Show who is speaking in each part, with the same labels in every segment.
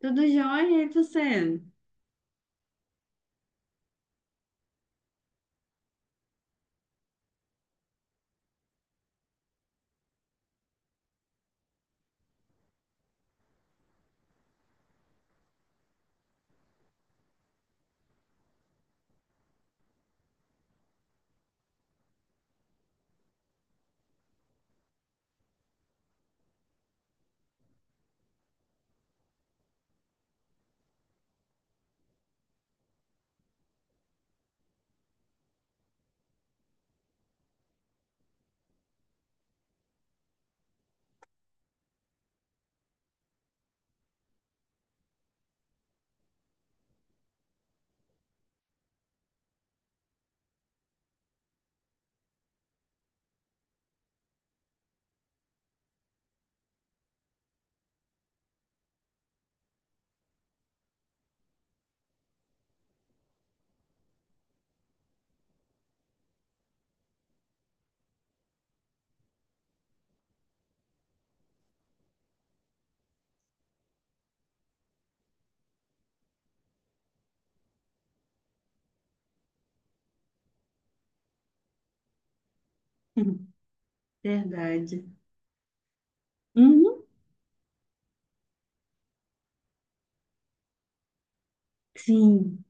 Speaker 1: Tudo jóia, e você? Verdade. Uhum, sim.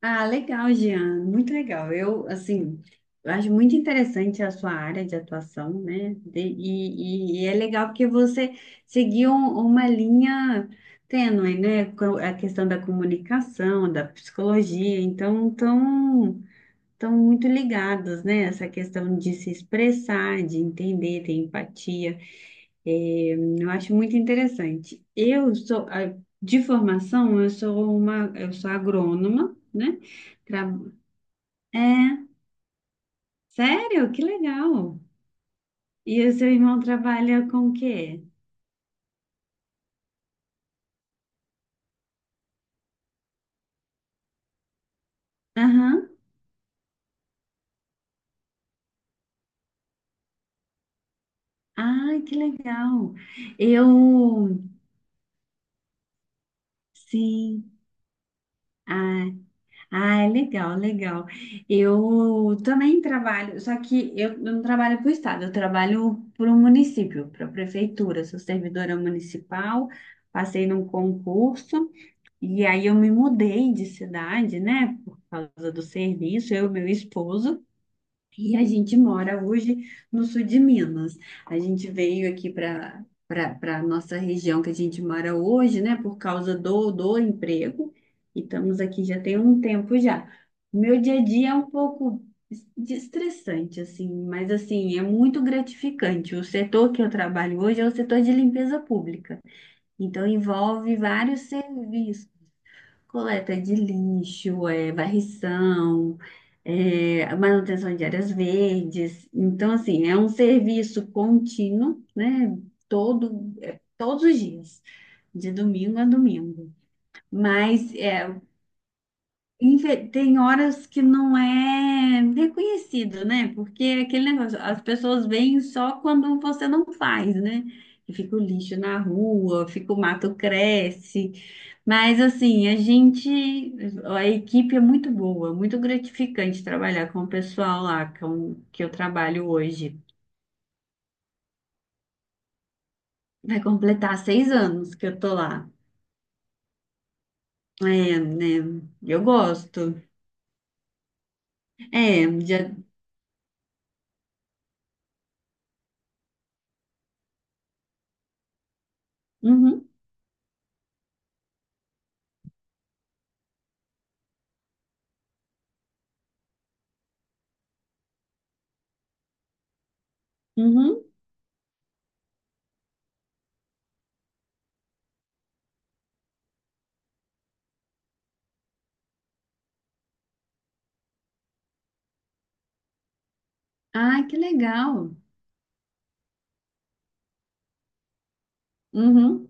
Speaker 1: Ah, legal, Jean. Muito legal. Eu, assim, eu acho muito interessante a sua área de atuação, né? E é legal porque você seguiu uma linha tênue, né? Com a questão da comunicação, da psicologia. Então, tão muito ligados, né? Essa questão de se expressar, de entender, ter empatia. É, eu acho muito interessante. De formação, eu sou agrônoma, né? Tra- É, sério? Que legal. E o seu irmão trabalha com o quê? Aham. Ah, que legal. Eu, sim. Ah, legal, legal. Eu também trabalho, só que eu não trabalho para o estado, eu trabalho para o município, para a prefeitura. Sou servidora municipal, passei num concurso e aí eu me mudei de cidade, né, por causa do serviço, eu e meu esposo. E a gente mora hoje no sul de Minas. A gente veio aqui para a nossa região que a gente mora hoje, né, por causa do emprego. E estamos aqui já tem um tempo já. Meu dia a dia é um pouco estressante, assim, mas assim, é muito gratificante. O setor que eu trabalho hoje é o setor de limpeza pública. Então envolve vários serviços, coleta de lixo, é, varrição, é, manutenção de áreas verdes. Então, assim, é um serviço contínuo, né? Todos os dias, de domingo a domingo. Mas é, tem horas que não é reconhecido, né? Porque é aquele negócio, as pessoas veem só quando você não faz, né? E fica o lixo na rua, fica o mato cresce. Mas assim, a equipe é muito boa, muito gratificante trabalhar com o pessoal lá que eu trabalho hoje. Vai completar 6 anos que eu tô lá. É, né? Eu gosto. É, já. Uhum, uhum. Ah, que legal. Uhum.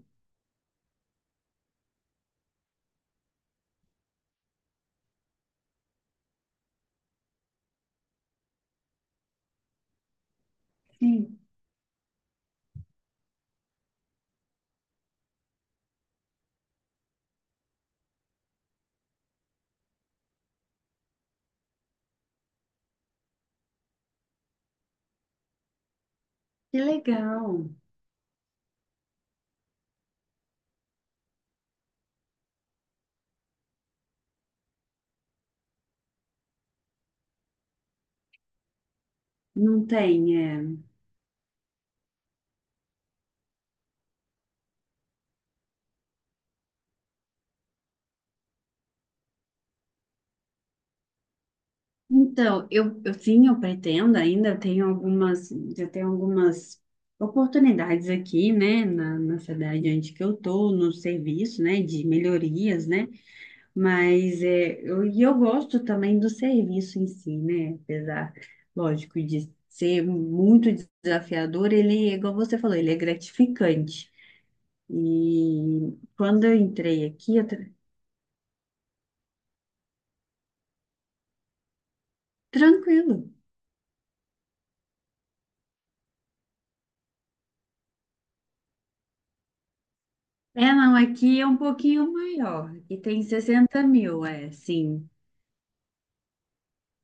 Speaker 1: Sim, que legal. Não tem, é. Então, eu sim, eu pretendo ainda, já tenho algumas oportunidades aqui, né, na, cidade onde que eu tô, no serviço, né, de melhorias, né, mas é, e eu gosto também do serviço em si, né, apesar, lógico, de ser muito desafiador, ele, é igual você falou, ele é gratificante. E quando eu entrei aqui, tranquilo. É, não, aqui é um pouquinho maior. Aqui tem 60 mil, é, sim.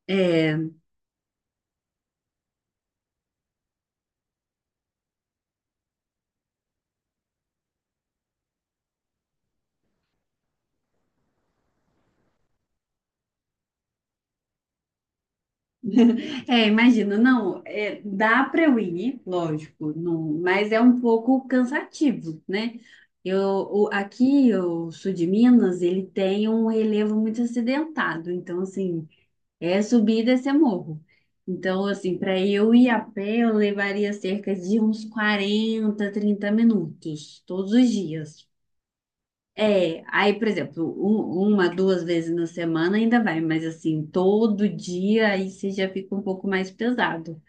Speaker 1: É, é, imagino, não, é, dá para eu ir, lógico, não, mas é um pouco cansativo, né? Eu, aqui, o sul de Minas, ele tem um relevo muito acidentado, então, assim, é subir e descer morro. Então, assim, para eu ir a pé, eu levaria cerca de uns 40, 30 minutos, todos os dias. É, aí, por exemplo, uma, duas vezes na semana ainda vai, mas assim, todo dia aí você já fica um pouco mais pesado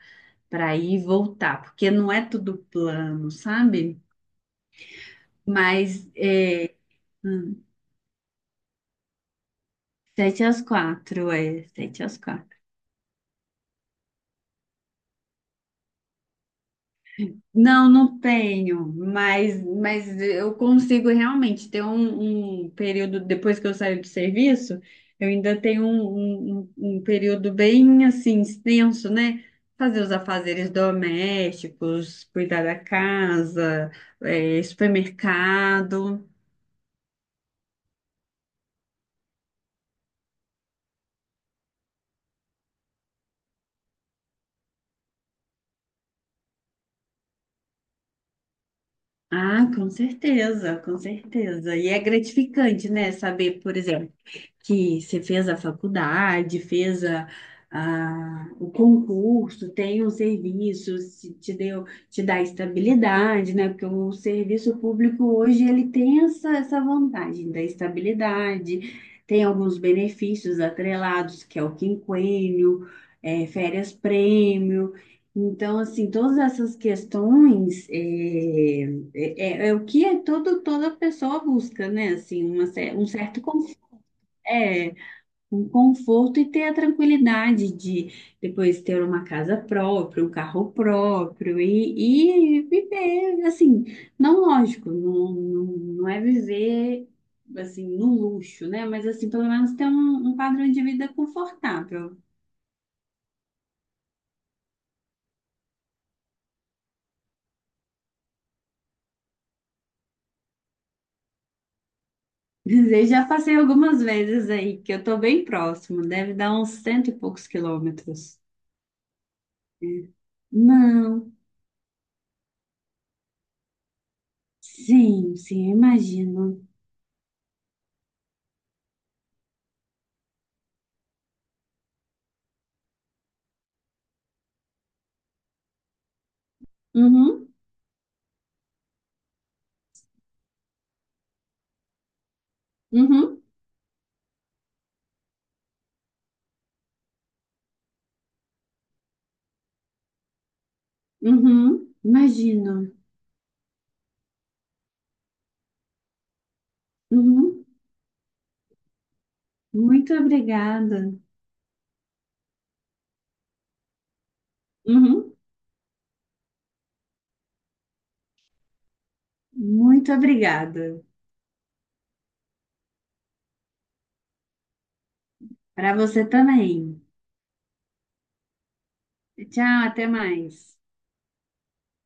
Speaker 1: para ir e voltar, porque não é tudo plano, sabe? Mas hum, sete às quatro, é, sete às quatro. Não, não tenho, mas, eu consigo realmente ter um período, depois que eu saio do serviço, eu ainda tenho um período bem assim extenso, né? Fazer os afazeres domésticos, cuidar da casa, supermercado. Ah, com certeza, com certeza. E é gratificante, né? Saber, por exemplo, que você fez a faculdade, fez o concurso, tem um serviço, se te deu, te dá estabilidade, né? Porque o serviço público hoje ele tem essa vantagem da estabilidade, tem alguns benefícios atrelados, que é o quinquênio, é, férias prêmio. Então, assim, todas essas questões é o que é toda pessoa busca, né? Assim, um certo conforto e ter a tranquilidade de depois ter uma casa própria, um carro próprio e viver, assim, não lógico, não, não, não é viver, assim, no luxo, né? Mas, assim, pelo menos ter um padrão de vida confortável. Eu já passei algumas vezes aí, que eu tô bem próximo, deve dar uns cento e poucos quilômetros. Não, sim, sim, eu imagino. Uhum, uhum, uhum, imagino. Uhum. Muito obrigada. Uhum. Muito obrigada. Para você também. Tchau, até mais.